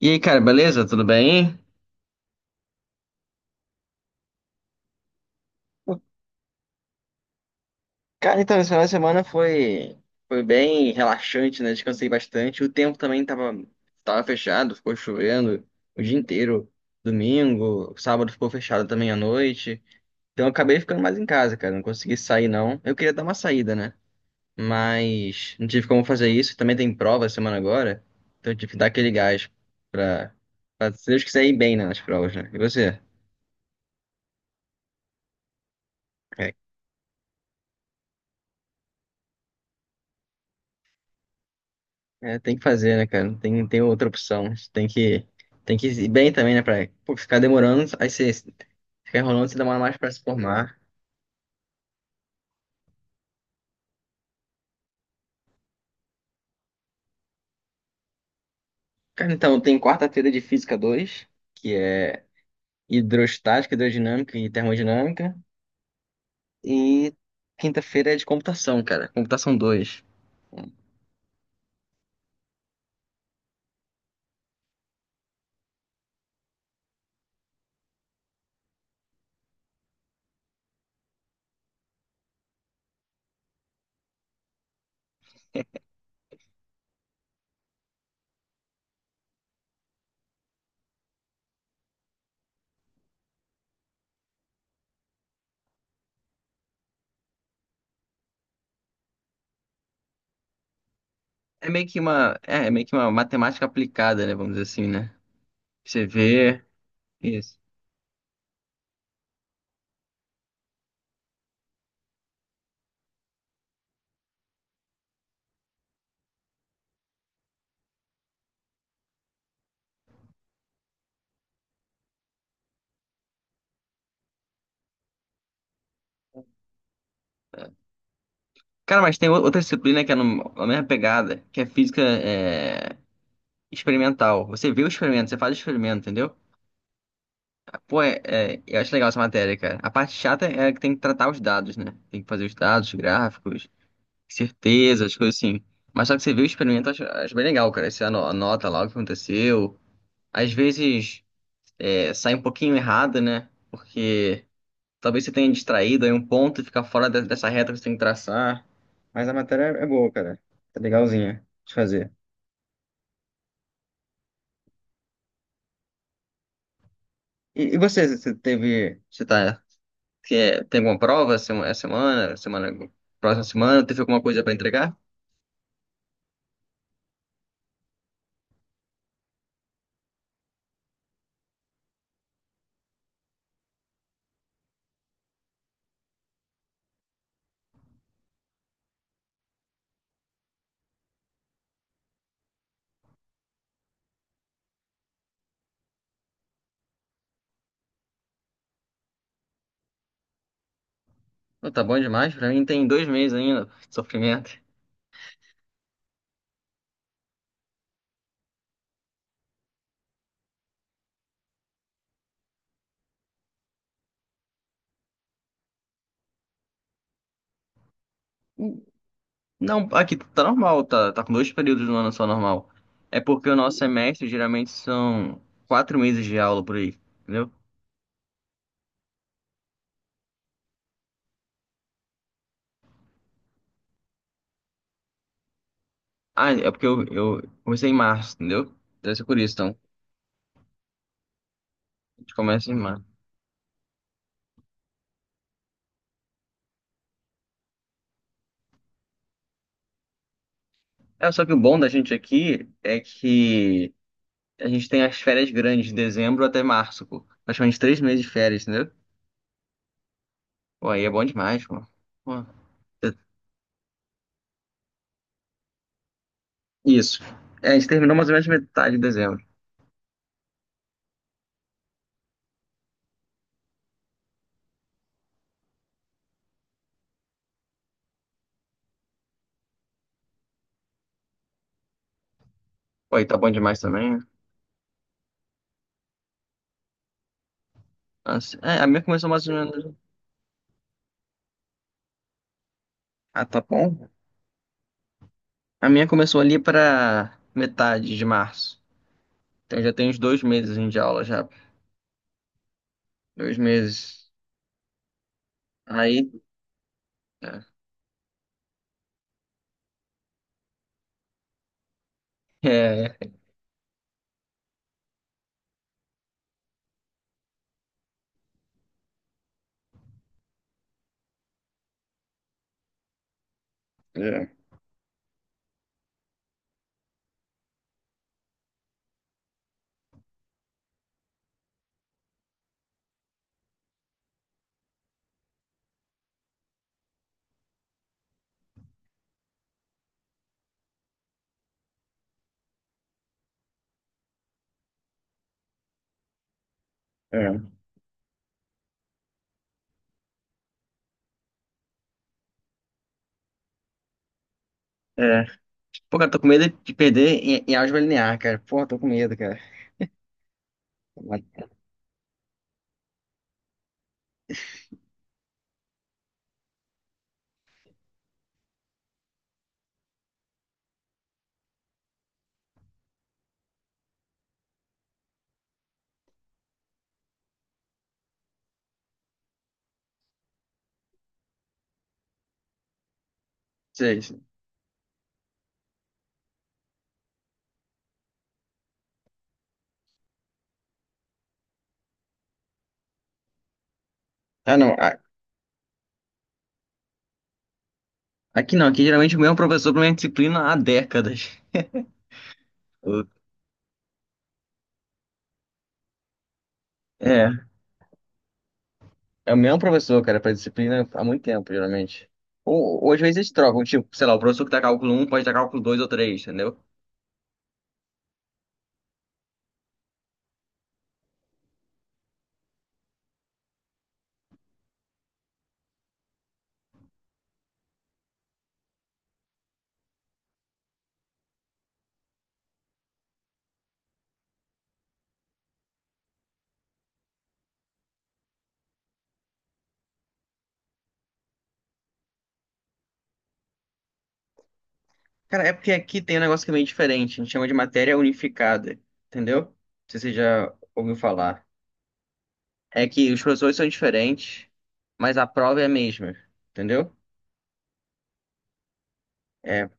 E aí, cara, beleza? Tudo bem? Cara, então, esse final de semana foi bem relaxante, né? Descansei bastante. O tempo também tava fechado, ficou chovendo o dia inteiro. Domingo, sábado ficou fechado também à noite. Então eu acabei ficando mais em casa, cara. Não consegui sair, não. Eu queria dar uma saída, né? Mas não tive como fazer isso. Também tem prova semana agora. Então eu tive que dar aquele gás pra, pra se Deus quiser ir bem, né, nas provas, né? E você? É, tem que fazer, né, cara? Não tem outra opção. A gente tem que ir bem também, né, pra pô, ficar demorando. Aí você fica enrolando, você demora mais pra se formar. Cara, então, tem quarta-feira de Física dois, que é hidrostática, hidrodinâmica e termodinâmica. E quinta-feira é de computação, cara. Computação dois. É meio que uma, é, é meio que uma matemática aplicada, né, vamos dizer assim, né? Você vê isso. Cara, mas tem outra disciplina que é no, a mesma pegada, que é física, é, experimental. Você vê o experimento, você faz o experimento, entendeu? Pô, eu acho legal essa matéria, cara. A parte chata é que tem que tratar os dados, né? Tem que fazer os dados, gráficos, certezas, coisas assim. Mas só que você vê o experimento, eu acho bem legal, cara. Você anota lá o que aconteceu. Às vezes sai um pouquinho errado, né? Porque talvez você tenha distraído aí um ponto e fica fora dessa reta que você tem que traçar. Mas a matéria é boa, cara. Tá legalzinha de fazer. E você teve. Você tá Que é- Tem alguma prova próxima semana? Teve alguma coisa pra entregar? Não, tá bom demais. Pra mim tem 2 meses ainda de sofrimento. Não, aqui tá normal, tá com 2 períodos no ano, só normal. É porque o nosso semestre geralmente são 4 meses de aula por aí, entendeu? Ah, é porque eu comecei em março, entendeu? Deve ser por isso, então. A gente começa em março. É, só que o bom da gente aqui é que a gente tem as férias grandes de dezembro até março, pô. Praticamente 3 meses de férias, entendeu? Pô, aí é bom demais, pô. Pô, é- isso. É, a gente terminou mais ou menos metade de dezembro. Pô, aí tá bom demais também, né? Nossa, é, a minha começou mais ou menos. Ah, tá bom? A minha começou ali pra metade de março. Então já tem uns 2 meses assim, de aula já. 2 meses. Aí. É. É. É. É. Pô, cara, tô com medo de perder em álgebra linear, cara. Pô, tô com medo, cara. Mas não sei. Ah, não. Aqui não. Aqui geralmente o mesmo professor pra minha disciplina há décadas. É. É o mesmo professor, cara, pra disciplina há muito tempo, geralmente. Ou às vezes eles trocam, tipo, sei lá, o professor que dá cálculo um pode dar cálculo dois ou três, entendeu? Cara, é porque aqui tem um negócio que é meio diferente, a gente chama de matéria unificada, entendeu? Não sei se você já ouviu falar. É que os professores são diferentes, mas a prova é a mesma, entendeu? É,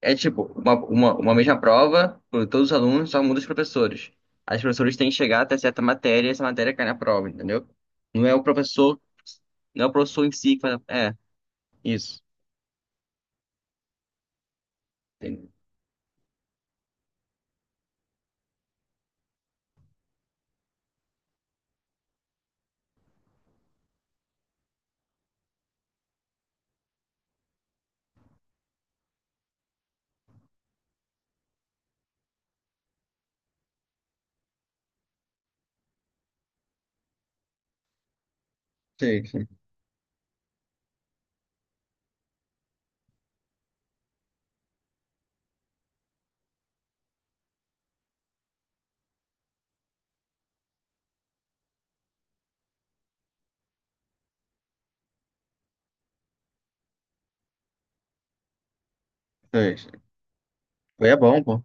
é tipo, uma mesma prova para todos os alunos, só muda os professores. Aí os professores têm que chegar até certa matéria e essa matéria cai na prova, entendeu? Não é o professor, não é o professor em si que faz a... É, isso. Entendeu? Sei, sei, sei. Sei. Foi é bom, pô.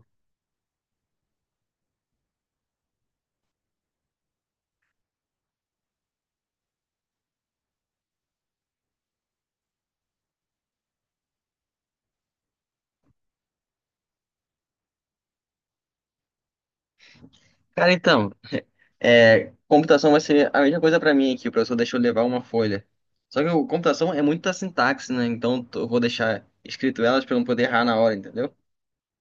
Cara, então, computação vai ser a mesma coisa para mim aqui. O professor deixou eu levar uma folha. Só que o computação é muita sintaxe, né? Então eu vou deixar escrito elas para não poder errar na hora, entendeu?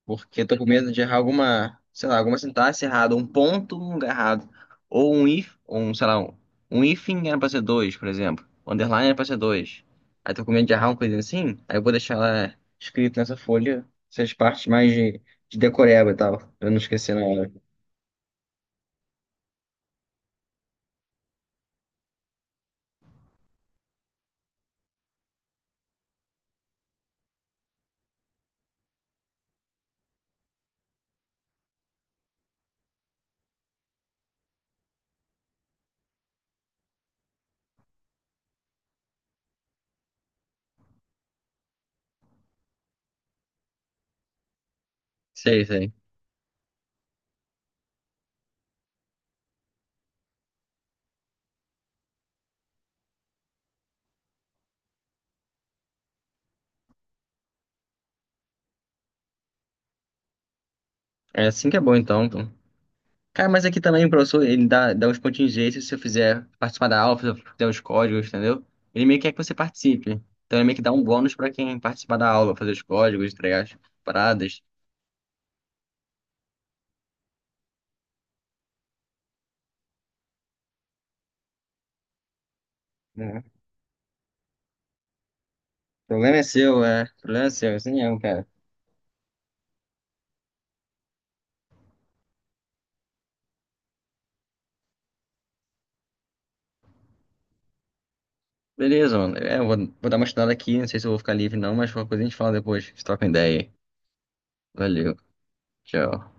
Porque eu tô com medo de errar alguma, sei lá, alguma sintaxe errada, um ponto no lugar errado, ou um if, ou um, sei lá, um hífen era pra ser dois, por exemplo, um underline era pra ser dois. Aí tô com medo de errar uma coisa assim, aí eu vou deixar lá escrito nessa folha essas partes mais de decoreba e tal, pra eu não esquecer na hora. Sei, sei. É assim que é bom então, pô. Cara, mas aqui também o professor, ele dá uns contingências se você fizer participar da aula, se você fizer os códigos, entendeu? Ele meio que quer que você participe. Então ele meio que dá um bônus pra quem participar da aula, fazer os códigos, entregar as paradas. É. Problema é seu, é. Problema é seu, isso não, cara. Beleza, mano. É, eu vou dar uma estudada aqui, não sei se eu vou ficar livre não, mas qualquer coisa a gente fala depois. A gente troca uma ideia aí. Valeu. Tchau.